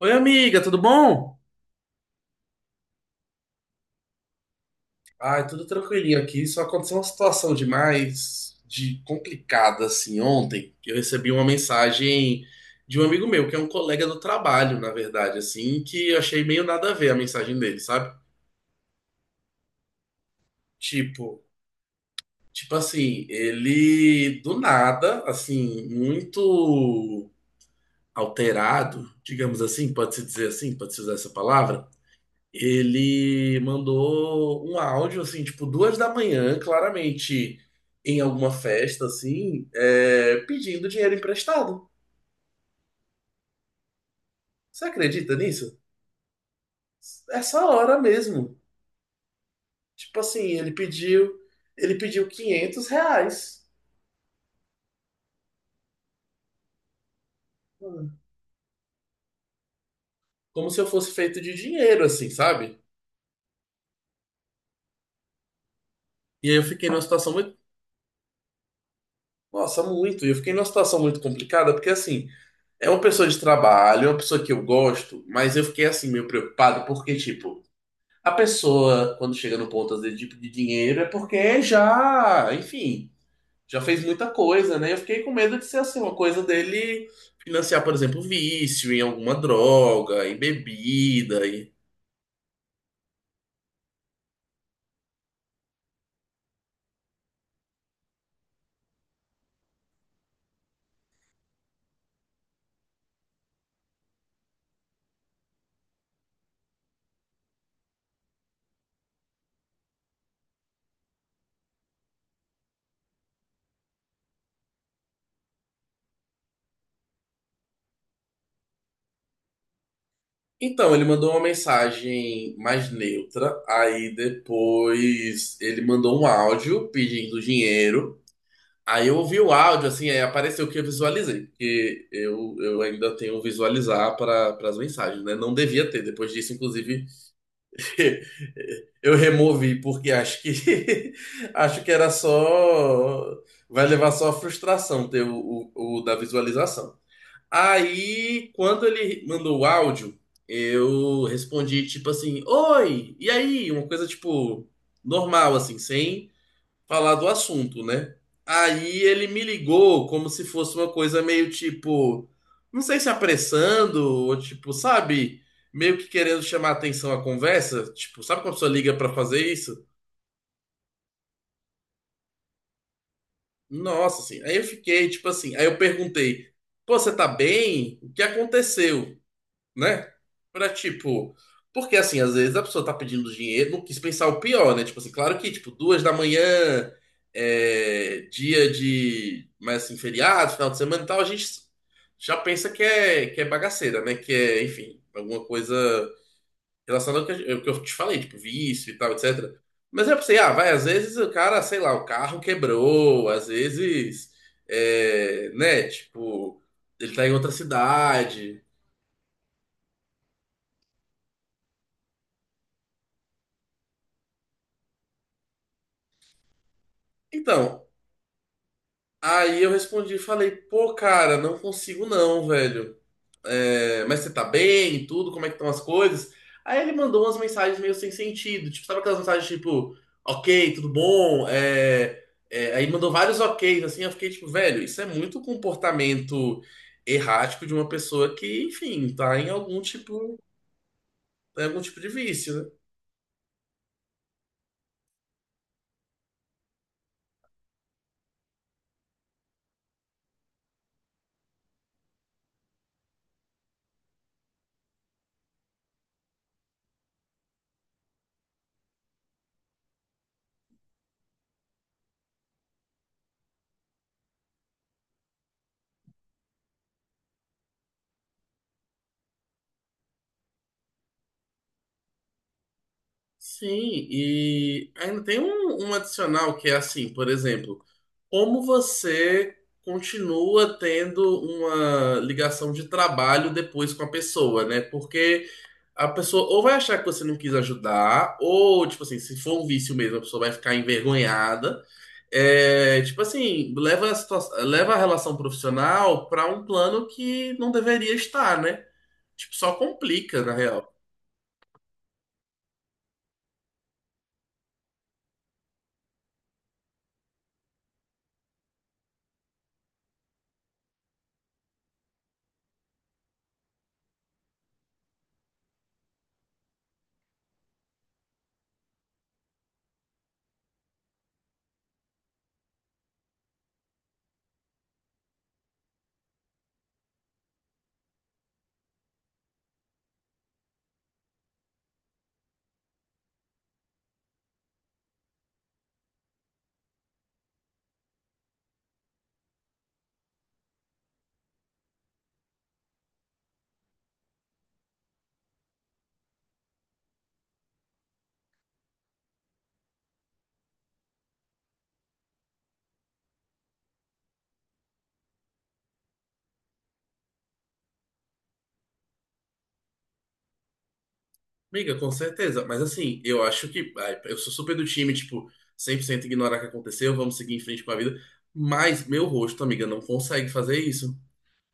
Oi, amiga, tudo bom? Ai, tudo tranquilinho aqui. Só aconteceu uma situação demais de complicada assim ontem. Eu recebi uma mensagem de um amigo meu, que é um colega do trabalho, na verdade, assim, que eu achei meio nada a ver a mensagem dele, sabe? Tipo, tipo assim, ele do nada, assim, muito alterado, digamos assim, pode-se dizer assim, pode-se usar essa palavra. Ele mandou um áudio, assim, tipo, 2 da manhã, claramente em alguma festa, assim, pedindo dinheiro emprestado. Você acredita nisso? Essa hora mesmo. Tipo assim, ele pediu R$ 500. Hum. Como se eu fosse feito de dinheiro, assim, sabe? E aí eu fiquei numa situação muito, nossa, muito. E eu fiquei numa situação muito complicada, porque assim, é uma pessoa de trabalho, é uma pessoa que eu gosto, mas eu fiquei assim, meio preocupado, porque, tipo, a pessoa, quando chega no ponto, às vezes, de pedir dinheiro, é porque já, enfim, já fez muita coisa, né? Eu fiquei com medo de ser assim, uma coisa dele financiar, por exemplo, vício em alguma droga, em bebida. E... então, ele mandou uma mensagem mais neutra, aí depois ele mandou um áudio pedindo dinheiro. Aí eu ouvi o áudio, assim, aí apareceu o que eu visualizei, porque eu ainda tenho visualizar para as mensagens, né? Não devia ter, depois disso, inclusive. Eu removi porque acho que acho que era só vai levar só a frustração ter o da visualização. Aí quando ele mandou o áudio, eu respondi tipo assim: "Oi, e aí?" Uma coisa tipo normal assim, sem falar do assunto, né? Aí ele me ligou como se fosse uma coisa meio tipo, não sei se apressando, ou tipo, sabe, meio que querendo chamar atenção à conversa, tipo, sabe quando a pessoa liga pra fazer isso? Nossa, assim, aí eu fiquei, tipo assim, aí eu perguntei, pô, você tá bem? O que aconteceu, né? Pra tipo. Porque assim, às vezes a pessoa tá pedindo dinheiro, não quis pensar o pior, né? Tipo assim, claro que, tipo, 2 da manhã, dia de. Mas assim, feriado, final de semana e tal, a gente já pensa que é bagaceira, né? Que é, enfim, alguma coisa relacionada ao que, ao que eu te falei, tipo, vício e tal, etc. Mas eu pensei, ah, vai, às vezes o cara, sei lá, o carro quebrou, às vezes, né? Tipo, ele tá em outra cidade. Então, aí eu respondi, falei, pô, cara, não consigo não, velho. É, mas você tá bem e tudo? Como é que estão as coisas? Aí ele mandou umas mensagens meio sem sentido. Tipo, sabe aquelas mensagens tipo, ok, tudo bom? Aí mandou vários ok's, assim. Eu fiquei tipo, velho, isso é muito comportamento errático de uma pessoa que, enfim, tá em algum tipo de vício, né? Sim, e ainda tem um adicional que é assim, por exemplo, como você continua tendo uma ligação de trabalho depois com a pessoa, né? Porque a pessoa ou vai achar que você não quis ajudar, ou, tipo assim, se for um vício mesmo, a pessoa vai ficar envergonhada. É, tipo assim, leva a relação profissional para um plano que não deveria estar, né? Tipo, só complica, na real. Amiga, com certeza. Mas assim, eu acho que, ai, eu sou super do time, tipo, 100% ignorar o que aconteceu, vamos seguir em frente com a vida. Mas meu rosto, amiga, não consegue fazer isso.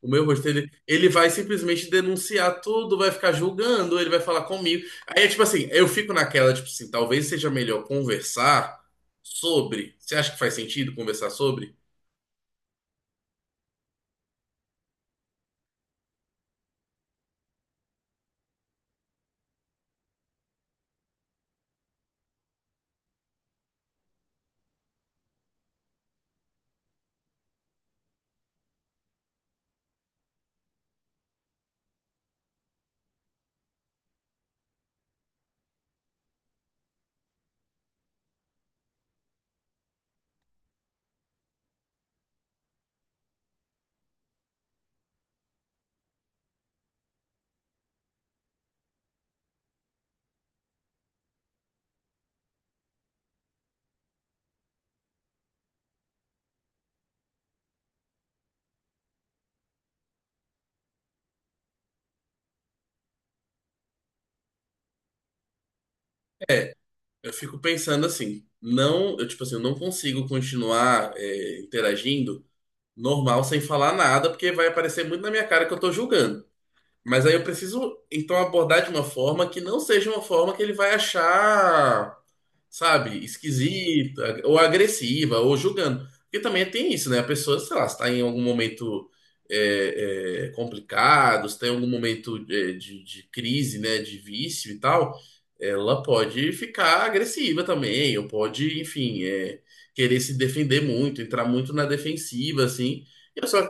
O meu rosto, ele vai simplesmente denunciar tudo, vai ficar julgando, ele vai falar comigo. Aí é tipo assim, eu fico naquela, tipo assim, talvez seja melhor conversar sobre. Você acha que faz sentido conversar sobre? Eu fico pensando assim, não, eu, tipo assim, eu não consigo continuar, interagindo normal, sem falar nada, porque vai aparecer muito na minha cara que eu tô julgando. Mas aí eu preciso, então, abordar de uma forma que não seja uma forma que ele vai achar, sabe, esquisita, ou agressiva, ou julgando. Porque também tem isso, né? A pessoa, sei lá, se está em algum momento complicado, se tem algum momento de, crise, né, de vício e tal, ela pode ficar agressiva também, ou pode, enfim, é, querer se defender muito, entrar muito na defensiva, assim. E eu só,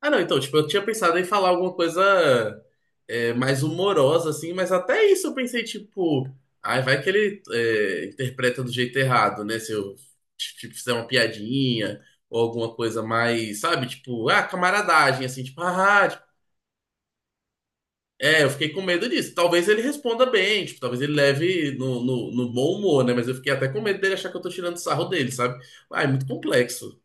ah, não, então, tipo, eu tinha pensado em falar alguma coisa mais humorosa, assim, mas até isso eu pensei, tipo, ai, vai que ele interpreta do jeito errado, né? Se eu, tipo, fizer uma piadinha ou alguma coisa mais, sabe? Tipo, ah, camaradagem, assim, tipo, ah, ah", tipo, é, eu fiquei com medo disso. Talvez ele responda bem, tipo, talvez ele leve no bom humor, né? Mas eu fiquei até com medo dele achar que eu tô tirando sarro dele, sabe? Ah, é muito complexo,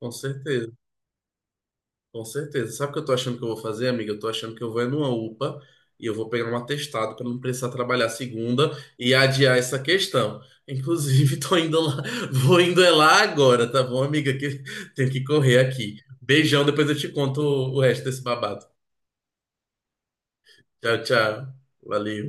com certeza. Com certeza. Sabe o que eu tô achando que eu vou fazer, amiga? Eu tô achando que eu vou é numa UPA e eu vou pegar um atestado para não precisar trabalhar segunda e adiar essa questão. Inclusive, tô indo lá, vou indo é lá agora, tá bom, amiga? Que tenho que correr aqui. Beijão, depois eu te conto o resto desse babado. Tchau, tchau. Valeu.